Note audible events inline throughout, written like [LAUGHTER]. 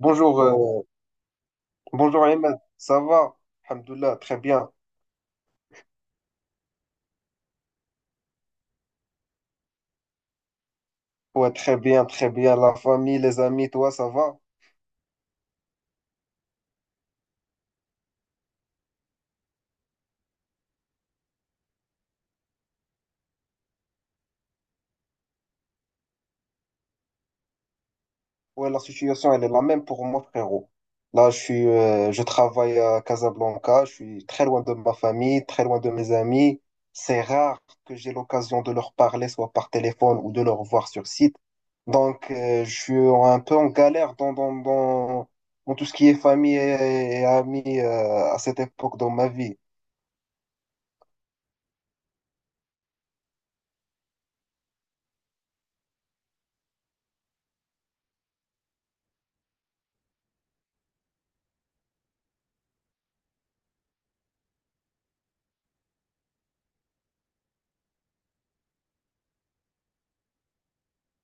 Bonjour, bonjour Ayman, ça va? Alhamdoulilah, très bien. Ouais, très bien, très bien. La famille, les amis, toi, ça va? Ouais, la situation, elle est la même pour moi, frérot. Là, je travaille à Casablanca, je suis très loin de ma famille, très loin de mes amis. C'est rare que j'ai l'occasion de leur parler, soit par téléphone ou de leur voir sur site. Donc, je suis un peu en galère dans tout ce qui est famille et amis, à cette époque dans ma vie.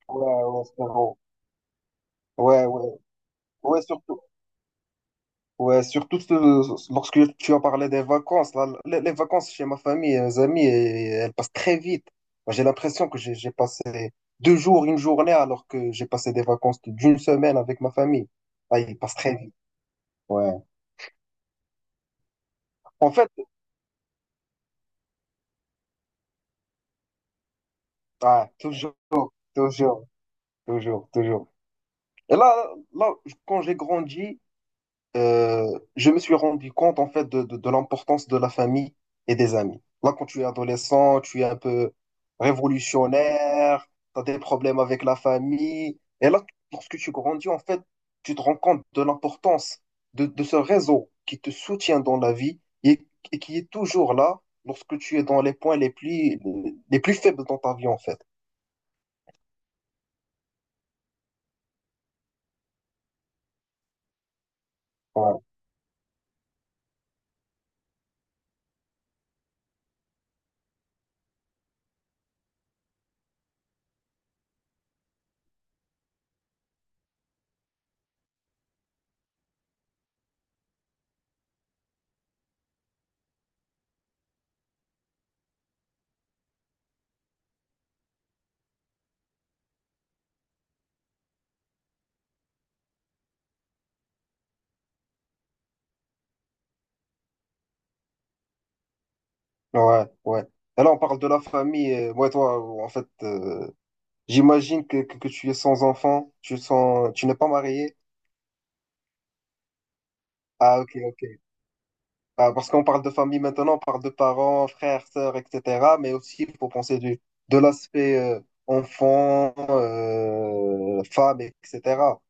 Ouais, ouais, frérot. Ouais, ouais, ouais, surtout, ouais, lorsque tu as parlé des vacances, là, les vacances chez ma famille et mes amis, elles passent très vite. Moi, j'ai l'impression que j'ai passé deux jours, une journée, alors que j'ai passé des vacances d'une semaine avec ma famille. Ah, ils passent très vite. Ouais. En fait, ah, toujours, toujours, toujours, toujours. Et là, quand j'ai grandi, je me suis rendu compte en fait de l'importance de la famille et des amis. Là, quand tu es adolescent, tu es un peu révolutionnaire, tu as des problèmes avec la famille. Et là, lorsque tu grandis, en fait, tu te rends compte de l'importance de ce réseau qui te soutient dans la vie et qui est toujours là lorsque tu es dans les points les plus faibles dans ta vie, en fait. Ouais, ouais, ouais. Et là, on parle de la famille. Et moi, toi, en fait, j'imagine que tu es sans enfant, tu n'es pas marié. Ah, ok, ok. Ah, parce qu'on parle de famille maintenant, on parle de parents, frères, sœurs, etc. Mais aussi, il faut penser de l'aspect enfant, femme, etc.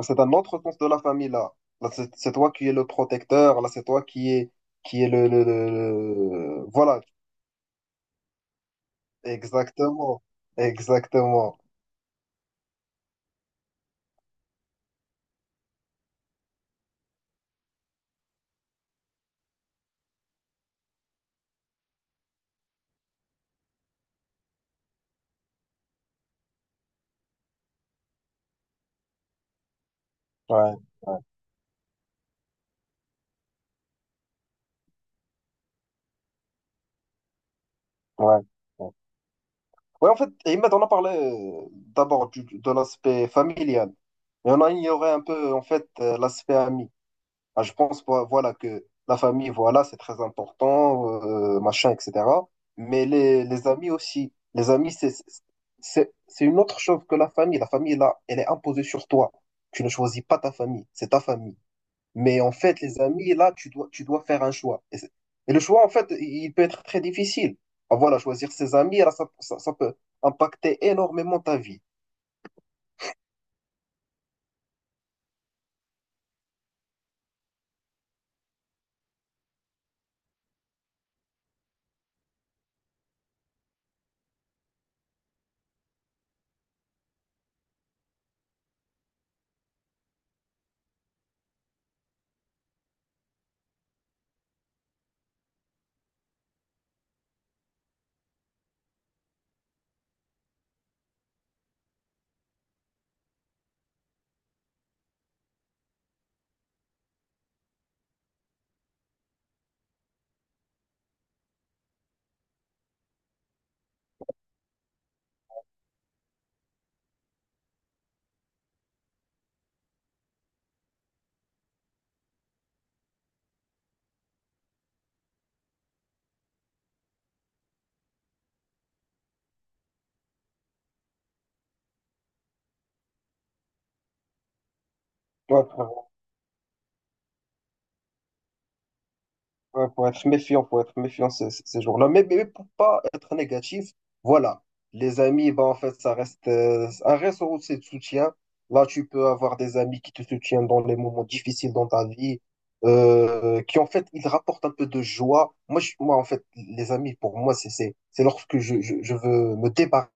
C'est un autre sens de la famille, là. Là, c'est toi qui es le protecteur, là, c'est toi qui es, qui est voilà, exactement. Exactement. Ouais, ouais, ouais. Ouais. Oui, en fait, Imad, on a parlé d'abord de l'aspect familial, mais on a ignoré un peu, en fait, l'aspect ami. Ah, je pense, voilà, que la famille, voilà, c'est très important, machin, etc. Mais les amis aussi. Les amis, c'est une autre chose que la famille. La famille, là, elle est imposée sur toi. Tu ne choisis pas ta famille, c'est ta famille. Mais en fait, les amis, là, tu dois faire un choix. Et le choix, en fait, il peut être très difficile. Ah, voilà, choisir ses amis, là, ça peut impacter énormément ta vie. Tu vois, ouais, faut être méfiant ces jours-là. Mais pour pas être négatif, voilà. Les amis, bah, en fait, ça reste un réseau aussi de soutien. Là, tu peux avoir des amis qui te soutiennent dans les moments difficiles dans ta vie, qui, en fait, ils rapportent un peu de joie. Moi, moi, en fait, les amis, pour moi, c'est lorsque je veux me débarrasser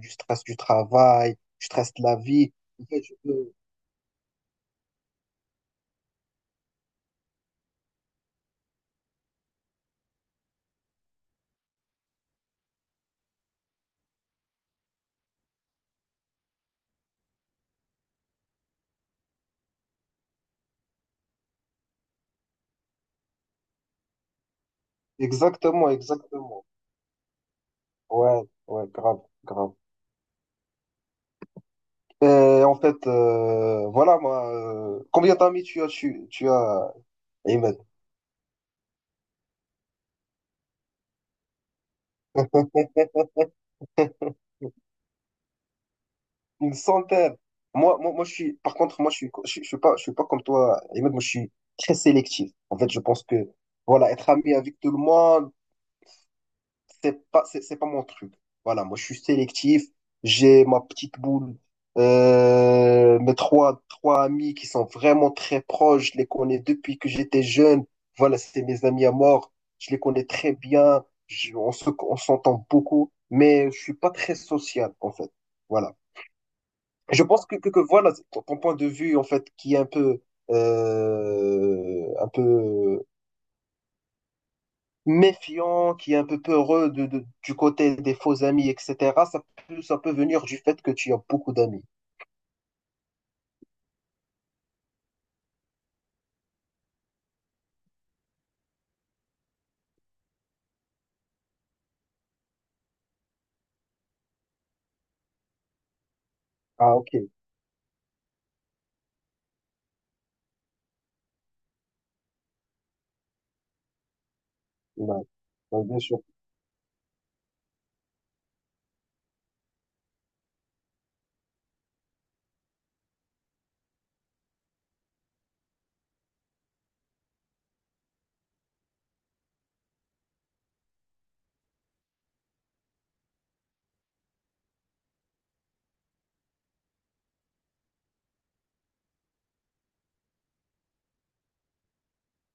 du stress du travail, du stress de la vie. En fait, Exactement, exactement. Ouais, ouais, grave, grave. Et en fait, voilà, moi, combien d'amis tu as, tu as, Ahmed? [LAUGHS] Une centaine. Moi, par contre, moi, je suis pas comme toi, Ahmed, moi, je suis très sélectif. En fait, je pense que, voilà, être ami avec tout le monde, c'est pas mon truc. Voilà, moi, je suis sélectif. J'ai ma petite boule. Mes trois amis qui sont vraiment très proches. Je les connais depuis que j'étais jeune. Voilà, c'est mes amis à mort. Je les connais très bien. On s'entend beaucoup. Mais je suis pas très social, en fait. Voilà. Je pense que voilà, ton point de vue, en fait, qui est un peu méfiant, qui est un peu peureux du côté des faux amis, etc., ça ça peut venir du fait que tu as beaucoup d'amis. Ah, ok. Ouais. Ouais, bien sûr.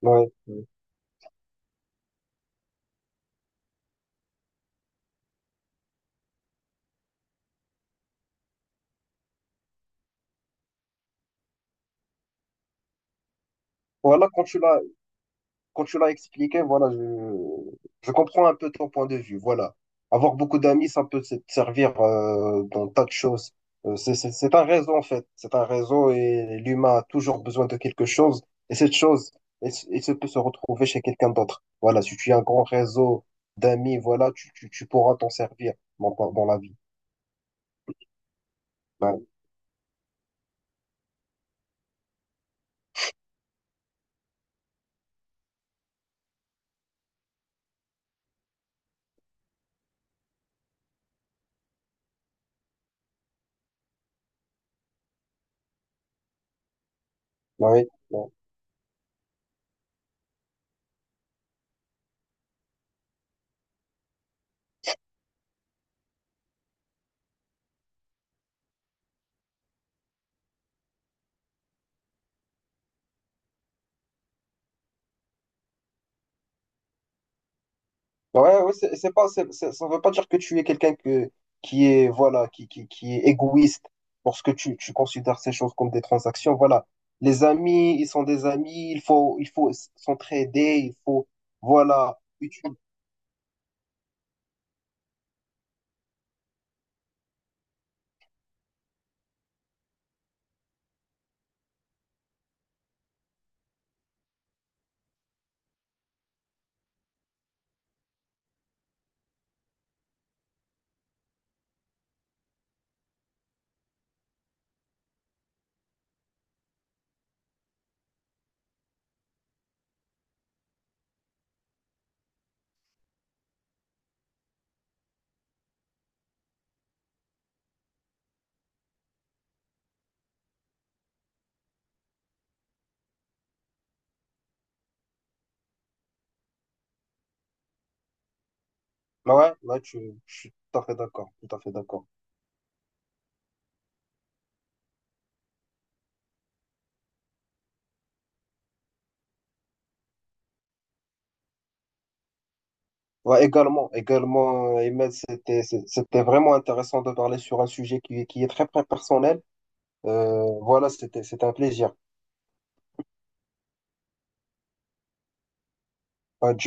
Ouais. Ouais. Voilà, quand tu l'as expliqué, voilà, je comprends un peu ton point de vue. Voilà. Avoir beaucoup d'amis, ça peut te servir dans tas de choses. C'est un réseau, en fait. C'est un réseau et l'humain a toujours besoin de quelque chose. Et cette chose, elle se peut se retrouver chez quelqu'un d'autre. Voilà, si tu as un grand réseau d'amis, voilà, tu pourras t'en servir dans la vie. Ouais. Ouais. Ouais, ouais, c'est pas, c'est- ça ne veut pas dire que tu es quelqu'un qui est, voilà, qui est égoïste lorsque tu considères ces choses comme des transactions. Voilà. Les amis, ils sont des amis, s'entraider, il faut, voilà. Ouais, ouais, je suis tout à fait d'accord, tout à fait d'accord. Ouais, également, également, Ahmed, c'était vraiment intéressant de parler sur un sujet qui est très, très personnel. Voilà, c'était un plaisir. Ouais,